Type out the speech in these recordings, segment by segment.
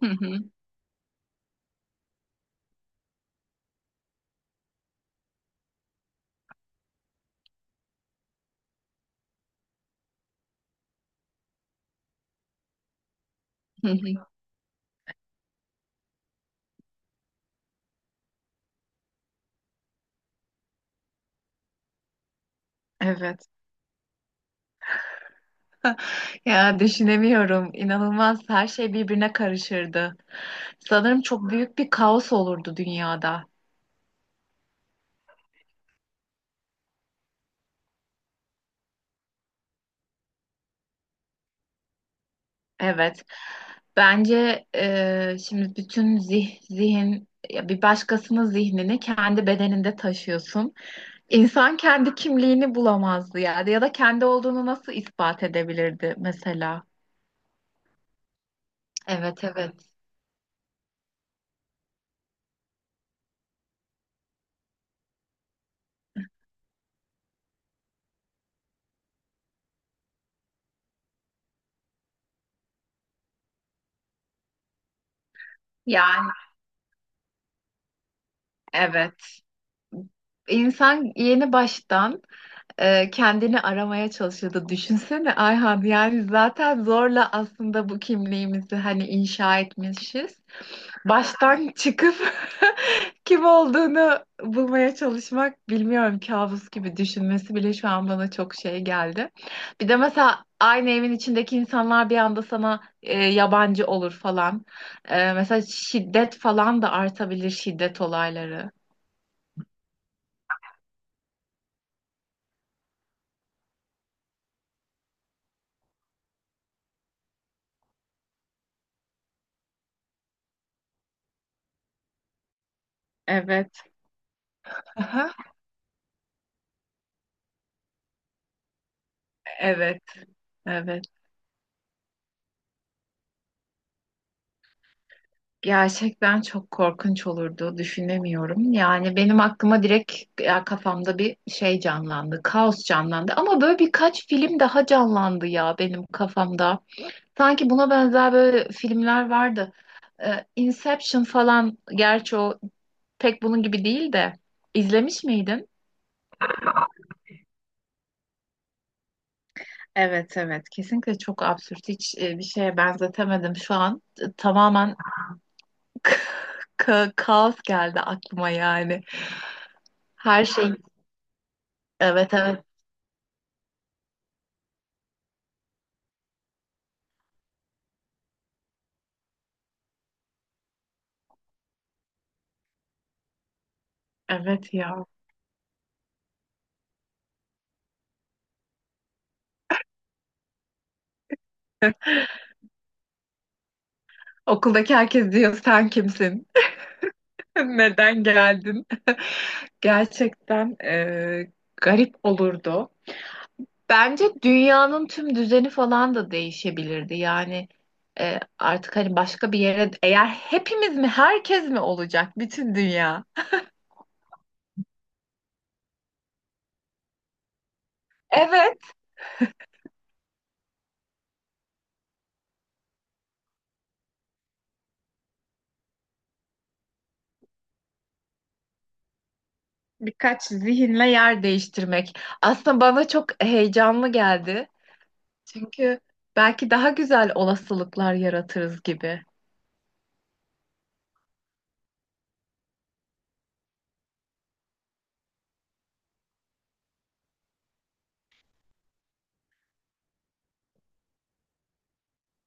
Hı hı, hı hı. Evet. Ya aslında birbirine karışırdı. Sanırım çok büyük bir kaos olurdu dünyada. Evet. Bence tüm zihin ya bir başkasının zihnini kendi bedeninde taşıyorsun. İnsan kendi kimliğini bulamazdı yani ya da kendi olduğunu nasıl ispat edebilirdi mesela? Evet evet. Yani evet. İnsan yeni baştan kendini aramaya çalışıyordu. Düşünsene Ayhan yani zaten zorla aslında bu kimliğimizi hani inşa etmişiz. Baştan çıkıp kim olduğunu bulmaya çalışmak bilmiyorum, kabus gibi. Düşünmesi bile şu an bana çok şey geldi. Bir de mesela aynı evin içindeki insanlar bir anda sana yabancı olur falan. Mesela şiddet falan da artabilir, şiddet olayları. Evet. Aha. Evet, evet. Gerçekten çok korkunç olurdu, düşünemiyorum. Yani benim aklıma direkt ya kafamda bir şey canlandı, kaos canlandı. Ama böyle birkaç film daha canlandı ya benim kafamda. Sanki buna benzer böyle filmler vardı. Inception falan, gerçi o pek bunun gibi değil de. İzlemiş miydin? Evet evet, kesinlikle çok absürt, hiç bir şeye benzetemedim şu an. Tamamen kaos geldi aklıma yani, her şey. Evet evet. Evet ya. Okuldaki herkes diyor, sen kimsin? Neden geldin? Gerçekten garip olurdu. Bence dünyanın tüm düzeni falan da değişebilirdi. Yani artık hani başka bir yere, eğer hepimiz mi herkes mi olacak bütün dünya? Evet, birkaç zihinle yer değiştirmek. Aslında bana çok heyecanlı geldi. Çünkü belki daha güzel olasılıklar yaratırız gibi.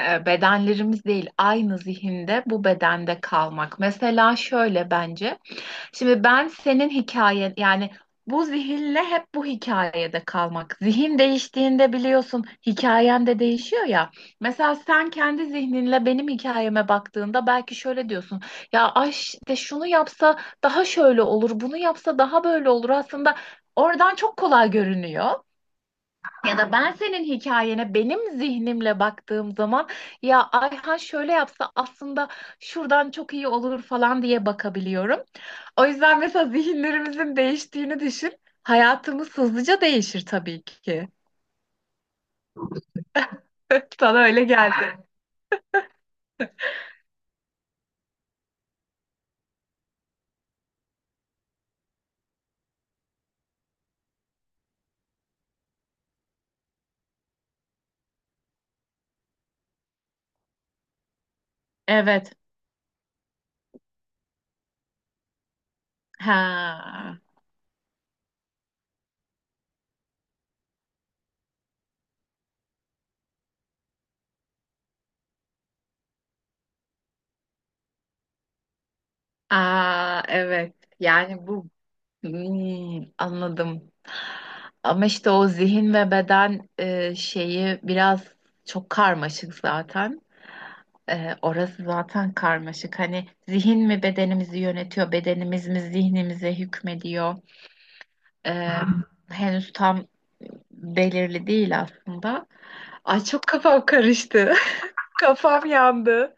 Bedenlerimiz değil, aynı zihinde bu bedende kalmak. Mesela şöyle bence. Şimdi ben senin hikayen yani bu zihinle hep bu hikayede kalmak. Zihin değiştiğinde biliyorsun hikayen de değişiyor ya. Mesela sen kendi zihninle benim hikayeme baktığında belki şöyle diyorsun. Ya ay işte şunu yapsa daha şöyle olur, bunu yapsa daha böyle olur. Aslında oradan çok kolay görünüyor. Ya da ben senin hikayene benim zihnimle baktığım zaman, ya Ayhan şöyle yapsa aslında şuradan çok iyi olur falan diye bakabiliyorum. O yüzden mesela zihinlerimizin değiştiğini düşün. Hayatımız hızlıca değişir tabii ki. Sana öyle geldi. Evet. Ha. Aa, evet. Yani bu. Hmm, anladım. Ama işte o zihin ve beden şeyi biraz çok karmaşık zaten. Orası zaten karmaşık. Hani zihin mi bedenimizi yönetiyor, bedenimiz mi zihnimize hükmediyor? Ee, Henüz tam belirli değil aslında. Ay çok kafam karıştı. Kafam yandı.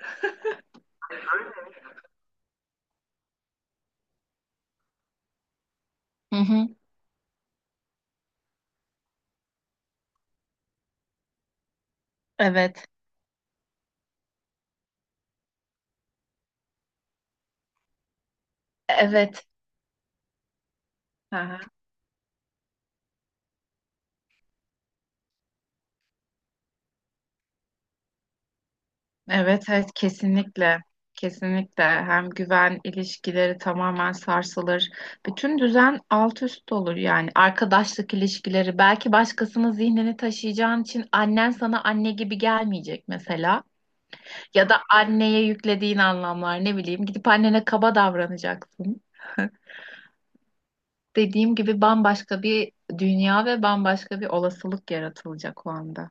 Hı hı. Evet, evet. Hı hı. Evet, evet kesinlikle. Kesinlikle hem güven ilişkileri tamamen sarsılır. Bütün düzen alt üst olur yani, arkadaşlık ilişkileri. Belki başkasının zihnini taşıyacağın için annen sana anne gibi gelmeyecek mesela. Ya da anneye yüklediğin anlamlar, ne bileyim gidip annene kaba davranacaksın. Dediğim gibi bambaşka bir dünya ve bambaşka bir olasılık yaratılacak o anda.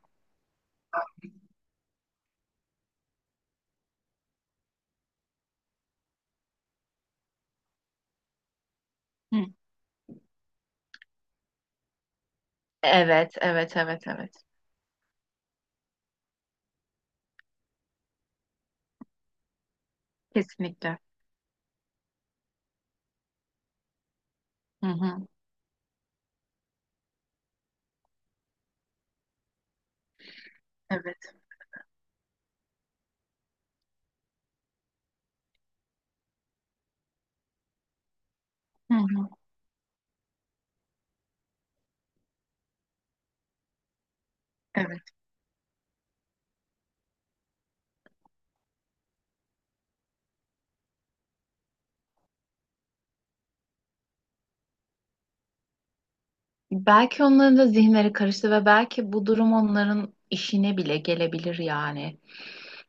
Hı. Evet, evet, evet, evet. Kesinlikle. Hı hı. Evet. Hı hı. Evet. Belki onların da zihinleri karıştı ve belki bu durum onların işine bile gelebilir yani.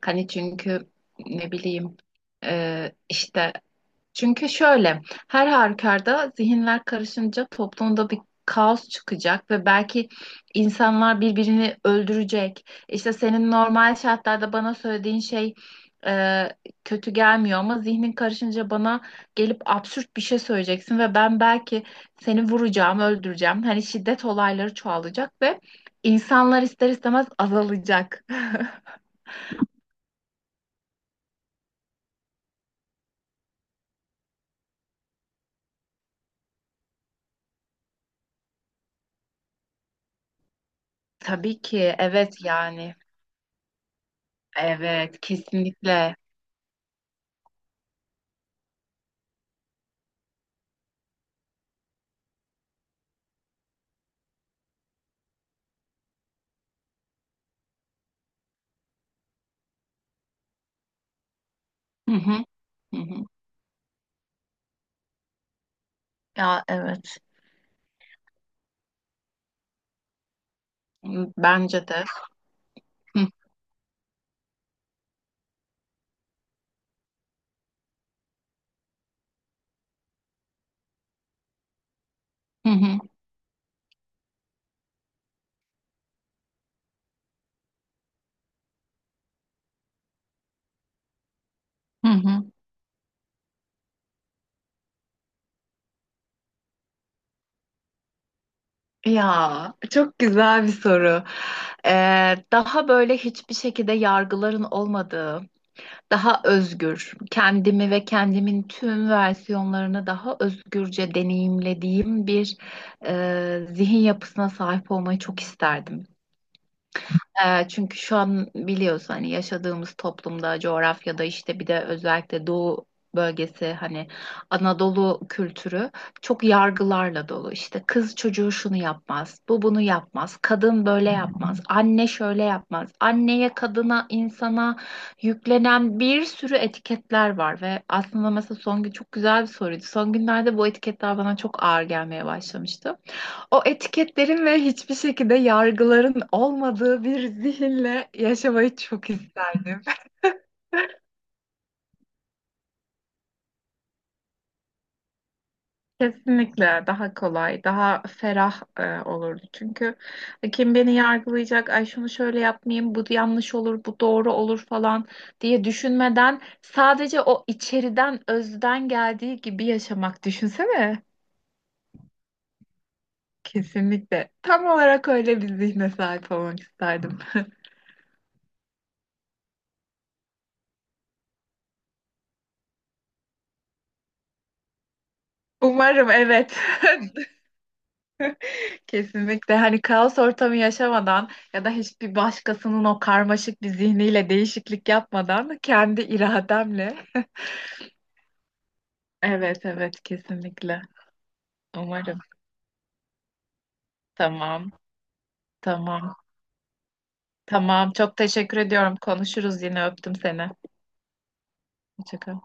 Hani çünkü ne bileyim işte, çünkü şöyle, her halükarda zihinler karışınca toplumda bir kaos çıkacak ve belki insanlar birbirini öldürecek. İşte senin normal şartlarda bana söylediğin şey e, kötü gelmiyor ama zihnin karışınca bana gelip absürt bir şey söyleyeceksin ve ben belki seni vuracağım, öldüreceğim. Hani şiddet olayları çoğalacak ve insanlar ister istemez azalacak. Tabii ki evet yani. Evet, kesinlikle. Hı hı, hı hı. Ya evet. Bence de. Hı hı, hı hı. Ya çok güzel bir soru. Daha böyle hiçbir şekilde yargıların olmadığı, daha özgür, kendimi ve kendimin tüm versiyonlarını daha özgürce deneyimlediğim bir zihin yapısına sahip olmayı çok isterdim. Çünkü şu an biliyorsun hani yaşadığımız toplumda, coğrafyada, işte bir de özellikle Doğu bölgesi, hani Anadolu kültürü çok yargılarla dolu. İşte kız çocuğu şunu yapmaz, bu bunu yapmaz, kadın böyle yapmaz, anne şöyle yapmaz. Anneye, kadına, insana yüklenen bir sürü etiketler var ve aslında, mesela Songül, çok güzel bir soruydu. Son günlerde bu etiketler bana çok ağır gelmeye başlamıştı. O etiketlerin ve hiçbir şekilde yargıların olmadığı bir zihinle yaşamayı çok isterdim. Kesinlikle daha kolay, daha ferah olurdu. Çünkü kim beni yargılayacak, ay şunu şöyle yapmayayım, bu yanlış olur, bu doğru olur falan diye düşünmeden sadece o içeriden, özden geldiği gibi yaşamak, düşünsene. Kesinlikle. Tam olarak öyle bir zihne sahip olmak isterdim. Umarım, evet. Kesinlikle, hani kaos ortamı yaşamadan ya da hiçbir başkasının o karmaşık bir zihniyle değişiklik yapmadan, kendi irademle. Evet evet, kesinlikle. Umarım. Tamam, tamam, tamam. Çok teşekkür ediyorum. Konuşuruz yine, öptüm seni. Hoşça kal.